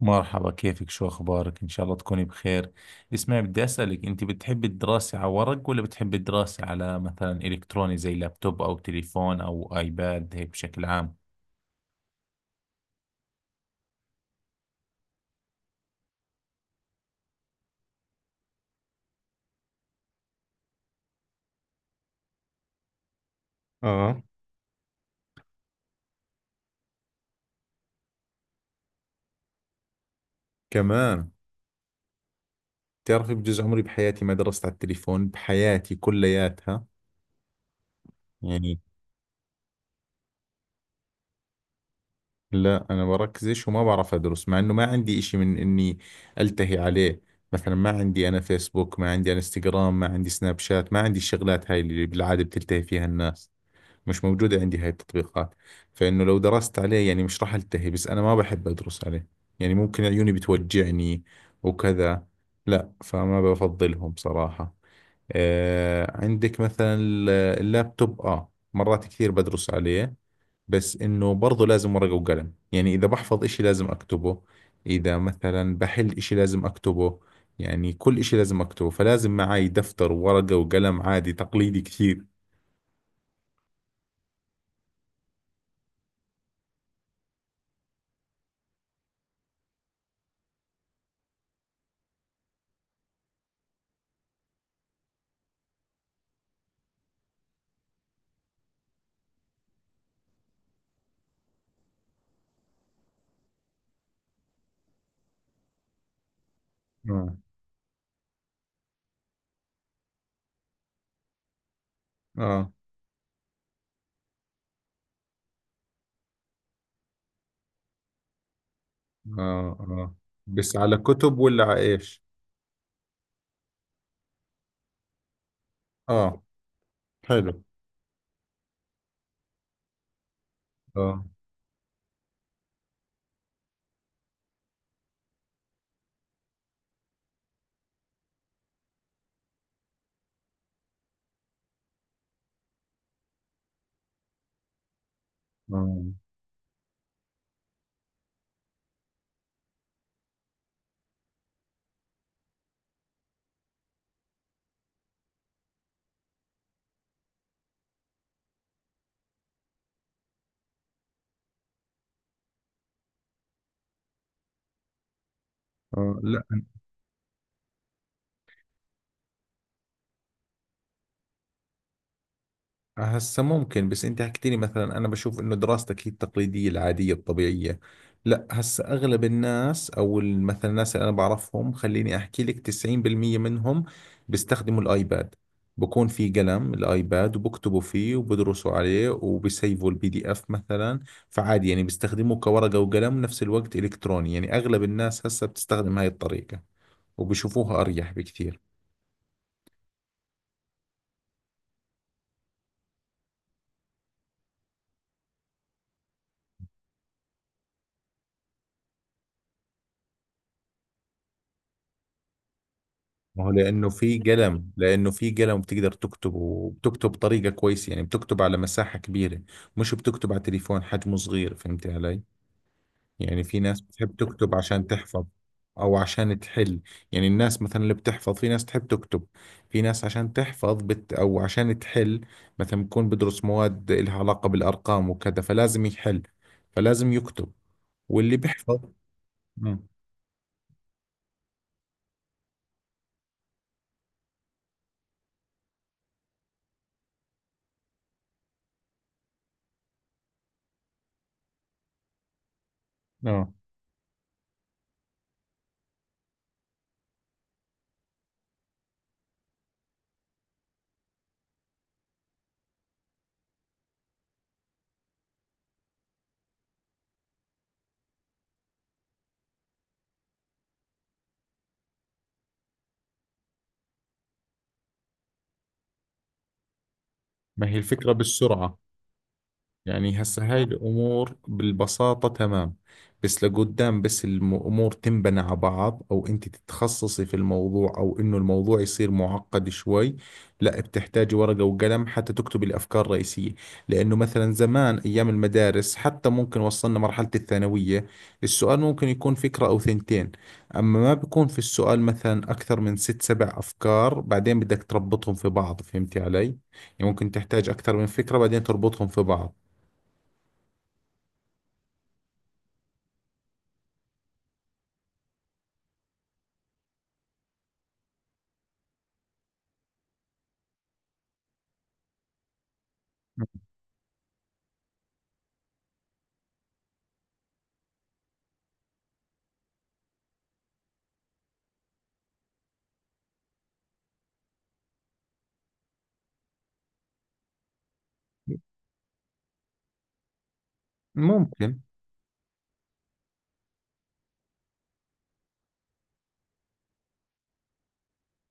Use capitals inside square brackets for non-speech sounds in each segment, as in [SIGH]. مرحبا، كيفك؟ شو أخبارك؟ إن شاء الله تكوني بخير. اسمعي، بدي أسألك، أنت بتحبي الدراسة على ورق ولا بتحبي الدراسة على مثلا إلكتروني زي لابتوب أو تليفون أو آيباد هيك بشكل عام؟ كمان. بتعرفي بجوز عمري بحياتي ما درست على التليفون، بحياتي كلياتها يعني. لا، أنا بركزش وما بعرف أدرس مع إنه ما عندي إشي من إني ألتهي عليه. مثلا ما عندي أنا فيسبوك، ما عندي أنا انستغرام، ما عندي سناب شات، ما عندي الشغلات هاي اللي بالعادة بتلتهي فيها الناس. مش موجودة عندي هاي التطبيقات. فإنه لو درست عليه يعني مش راح ألتهي، بس أنا ما بحب أدرس عليه. يعني ممكن عيوني بتوجعني وكذا. لا، فما بفضلهم بصراحة. آه، عندك مثلا اللابتوب، آه مرات كثير بدرس عليه. بس إنه برضه لازم ورقة وقلم، يعني إذا بحفظ إشي لازم أكتبه، إذا مثلا بحل إشي لازم أكتبه، يعني كل إشي لازم أكتبه. فلازم معي دفتر وورقة وقلم عادي تقليدي كثير. آه، آه. اه، اه. بس على كتب ولا على ايش؟ اه، حلو. اه. اه. آه. لا. هسه ممكن، بس انت حكيت لي مثلا، انا بشوف انه دراستك هي التقليديه العاديه الطبيعيه. لا، هسه اغلب الناس او مثلا الناس اللي انا بعرفهم، خليني احكي لك 90% منهم بيستخدموا الايباد. بكون في قلم الايباد وبكتبوا فيه وبدرسوا عليه وبيسيفوا البي دي اف مثلا. فعادي يعني بيستخدموه كورقه وقلم نفس الوقت الكتروني، يعني اغلب الناس هسه بتستخدم هاي الطريقه وبشوفوها اريح بكثير. ما هو لانه في قلم بتقدر تكتب وبتكتب بطريقه كويسه، يعني بتكتب على مساحه كبيره، مش بتكتب على تليفون حجمه صغير، فهمتي علي؟ يعني في ناس بتحب تكتب عشان تحفظ او عشان تحل. يعني الناس مثلا اللي بتحفظ في ناس تحب تكتب، في ناس عشان تحفظ بت او عشان تحل. مثلا بكون بدرس مواد لها علاقه بالارقام وكذا، فلازم يحل، فلازم يكتب. واللي بيحفظ. مم. اه. ما هي الفكره بالسرعه. يعني هسه هاي الأمور بالبساطة تمام، بس لقدام بس الأمور تنبنى على بعض، أو أنت تتخصصي في الموضوع، أو إنه الموضوع يصير معقد شوي، لا بتحتاجي ورقة وقلم حتى تكتبي الأفكار الرئيسية. لأنه مثلا زمان أيام المدارس حتى ممكن وصلنا مرحلة الثانوية، السؤال ممكن يكون فكرة أو ثنتين. أما ما بيكون في السؤال مثلا أكثر من ست سبع أفكار بعدين بدك تربطهم في بعض، فهمتي علي؟ يعني ممكن تحتاج أكثر من فكرة بعدين تربطهم في بعض. ممكن.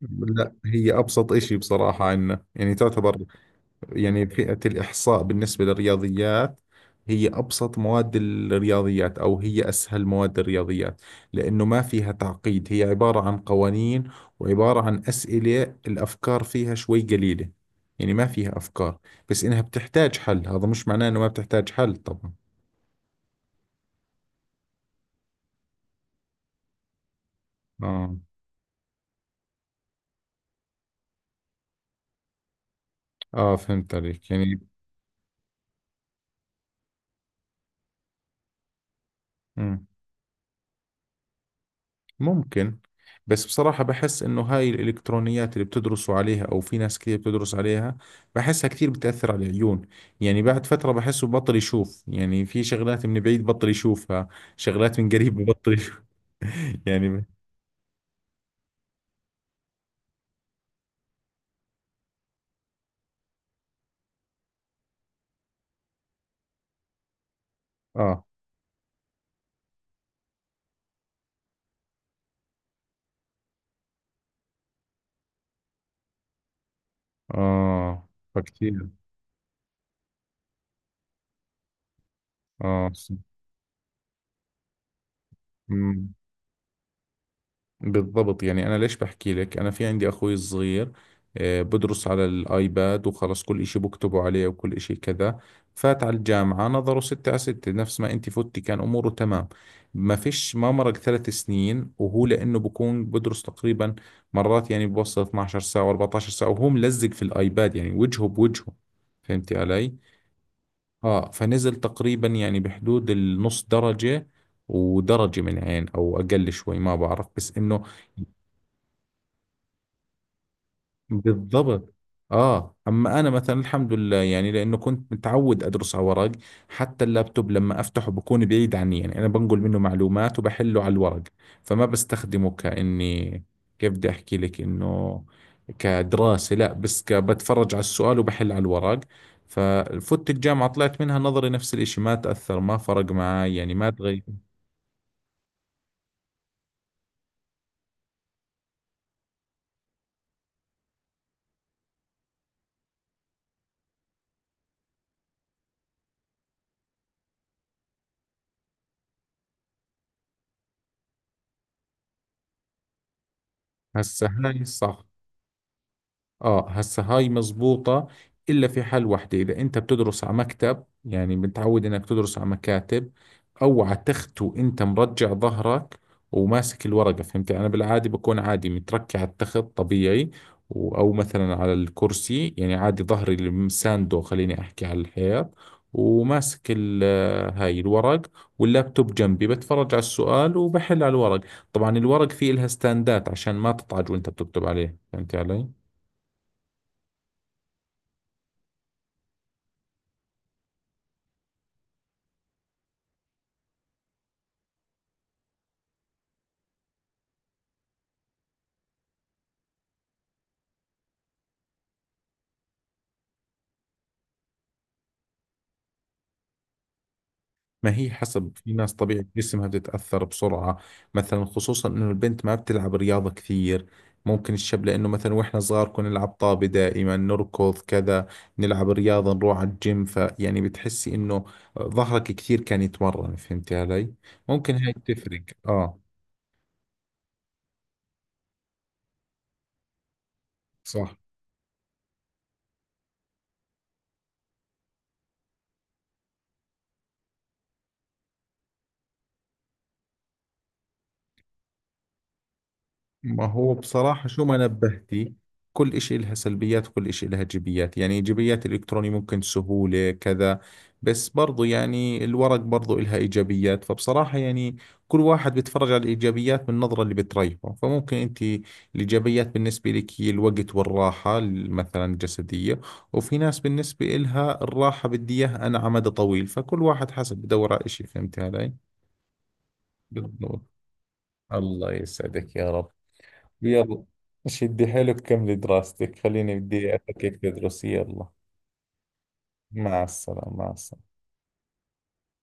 لا، هي أبسط إشي بصراحة عندنا يعني، تعتبر يعني فئة الإحصاء بالنسبة للرياضيات هي أبسط مواد الرياضيات أو هي أسهل مواد الرياضيات، لأنه ما فيها تعقيد. هي عبارة عن قوانين وعبارة عن أسئلة. الأفكار فيها شوي قليلة، يعني ما فيها أفكار. بس إنها بتحتاج حل، هذا مش معناه إنه ما بتحتاج حل طبعا. آه. آه، فهمت عليك يعني. مم. ممكن. بس بصراحة بحس إنه هاي الإلكترونيات اللي بتدرسوا عليها أو في ناس كثير بتدرس عليها، بحسها كثير بتأثر على العيون. يعني بعد فترة بحسه بطل يشوف، يعني في شغلات من بعيد بطل يشوفها، شغلات من قريب بطل يشوف. [LAUGHS] يعني ب- آه. آه. فكتير. آه ص- مم. بالضبط. يعني أنا ليش بحكي لك، أنا في عندي أخوي الصغير، آه، بدرس على الآيباد وخلص كل إشي بكتبه عليه وكل إشي كذا. فات على الجامعة نظره ستة على ستة نفس ما أنت فتي، كان أموره تمام، ما فيش. ما مرق ثلاث سنين وهو لأنه بكون بدرس تقريبا مرات يعني بوصل 12 ساعة و14 ساعة وهو ملزق في الآيباد، يعني وجهه بوجهه، فهمتي علي؟ آه، فنزل تقريبا يعني بحدود النص درجة ودرجة من عين، أو أقل شوي ما بعرف، بس إنه بالضبط. اه، اما انا مثلا الحمد لله يعني، لانه كنت متعود ادرس على ورق، حتى اللابتوب لما افتحه بكون بعيد عني، يعني انا بنقل منه معلومات وبحله على الورق، فما بستخدمه كاني، كيف بدي احكي لك انه كدراسة، لا بس بتفرج على السؤال وبحل على الورق. ففوت الجامعة طلعت منها نظري نفس الاشي، ما تأثر، ما فرق معي يعني، ما تغير. هسه هاي صح. اه، هسه هاي مزبوطة، الا في حال واحدة اذا انت بتدرس على مكتب، يعني متعود انك تدرس على مكاتب او على تخت وانت مرجع ظهرك وماسك الورقة، فهمت؟ انا بالعادي بكون عادي متركع على التخت طبيعي، او مثلا على الكرسي، يعني عادي ظهري المساندو خليني احكي على الحيط، وماسك هاي الورق، واللابتوب جنبي بتفرج على السؤال وبحل على الورق. طبعا الورق فيه لها ستاندات عشان ما تطعج وانت بتكتب عليه، فهمت علي؟ ما هي حسب، في ناس طبيعة جسمها بتتأثر بسرعة، مثلا خصوصا انه البنت ما بتلعب رياضة كثير. ممكن الشاب لانه مثلا، واحنا صغار كنا نلعب طابة دائما نركض كذا، نلعب رياضة، نروح على الجيم، فيعني بتحسي انه ظهرك كثير كان يتمرن، فهمتي علي؟ ممكن هاي تفرق. اه. صح. ما هو بصراحة شو ما نبهتي، كل إشي إلها سلبيات وكل إشي إلها إيجابيات، يعني إيجابيات الإلكتروني ممكن سهولة كذا، بس برضو يعني الورق برضو إلها إيجابيات، فبصراحة يعني كل واحد بيتفرج على الإيجابيات من النظرة اللي بتريحه. فممكن أنت الإيجابيات بالنسبة لك هي الوقت والراحة مثلا الجسدية، وفي ناس بالنسبة إلها الراحة بدي إياها أنا على مدى طويل، فكل واحد حسب بدور على إشي، فهمت علي؟ بالضبط. الله يسعدك يا رب. يلا، شدي حيلك، كملي دراستك، خليني بدي أفكك تدرسي. يلا، مع السلامة، مع السلامة.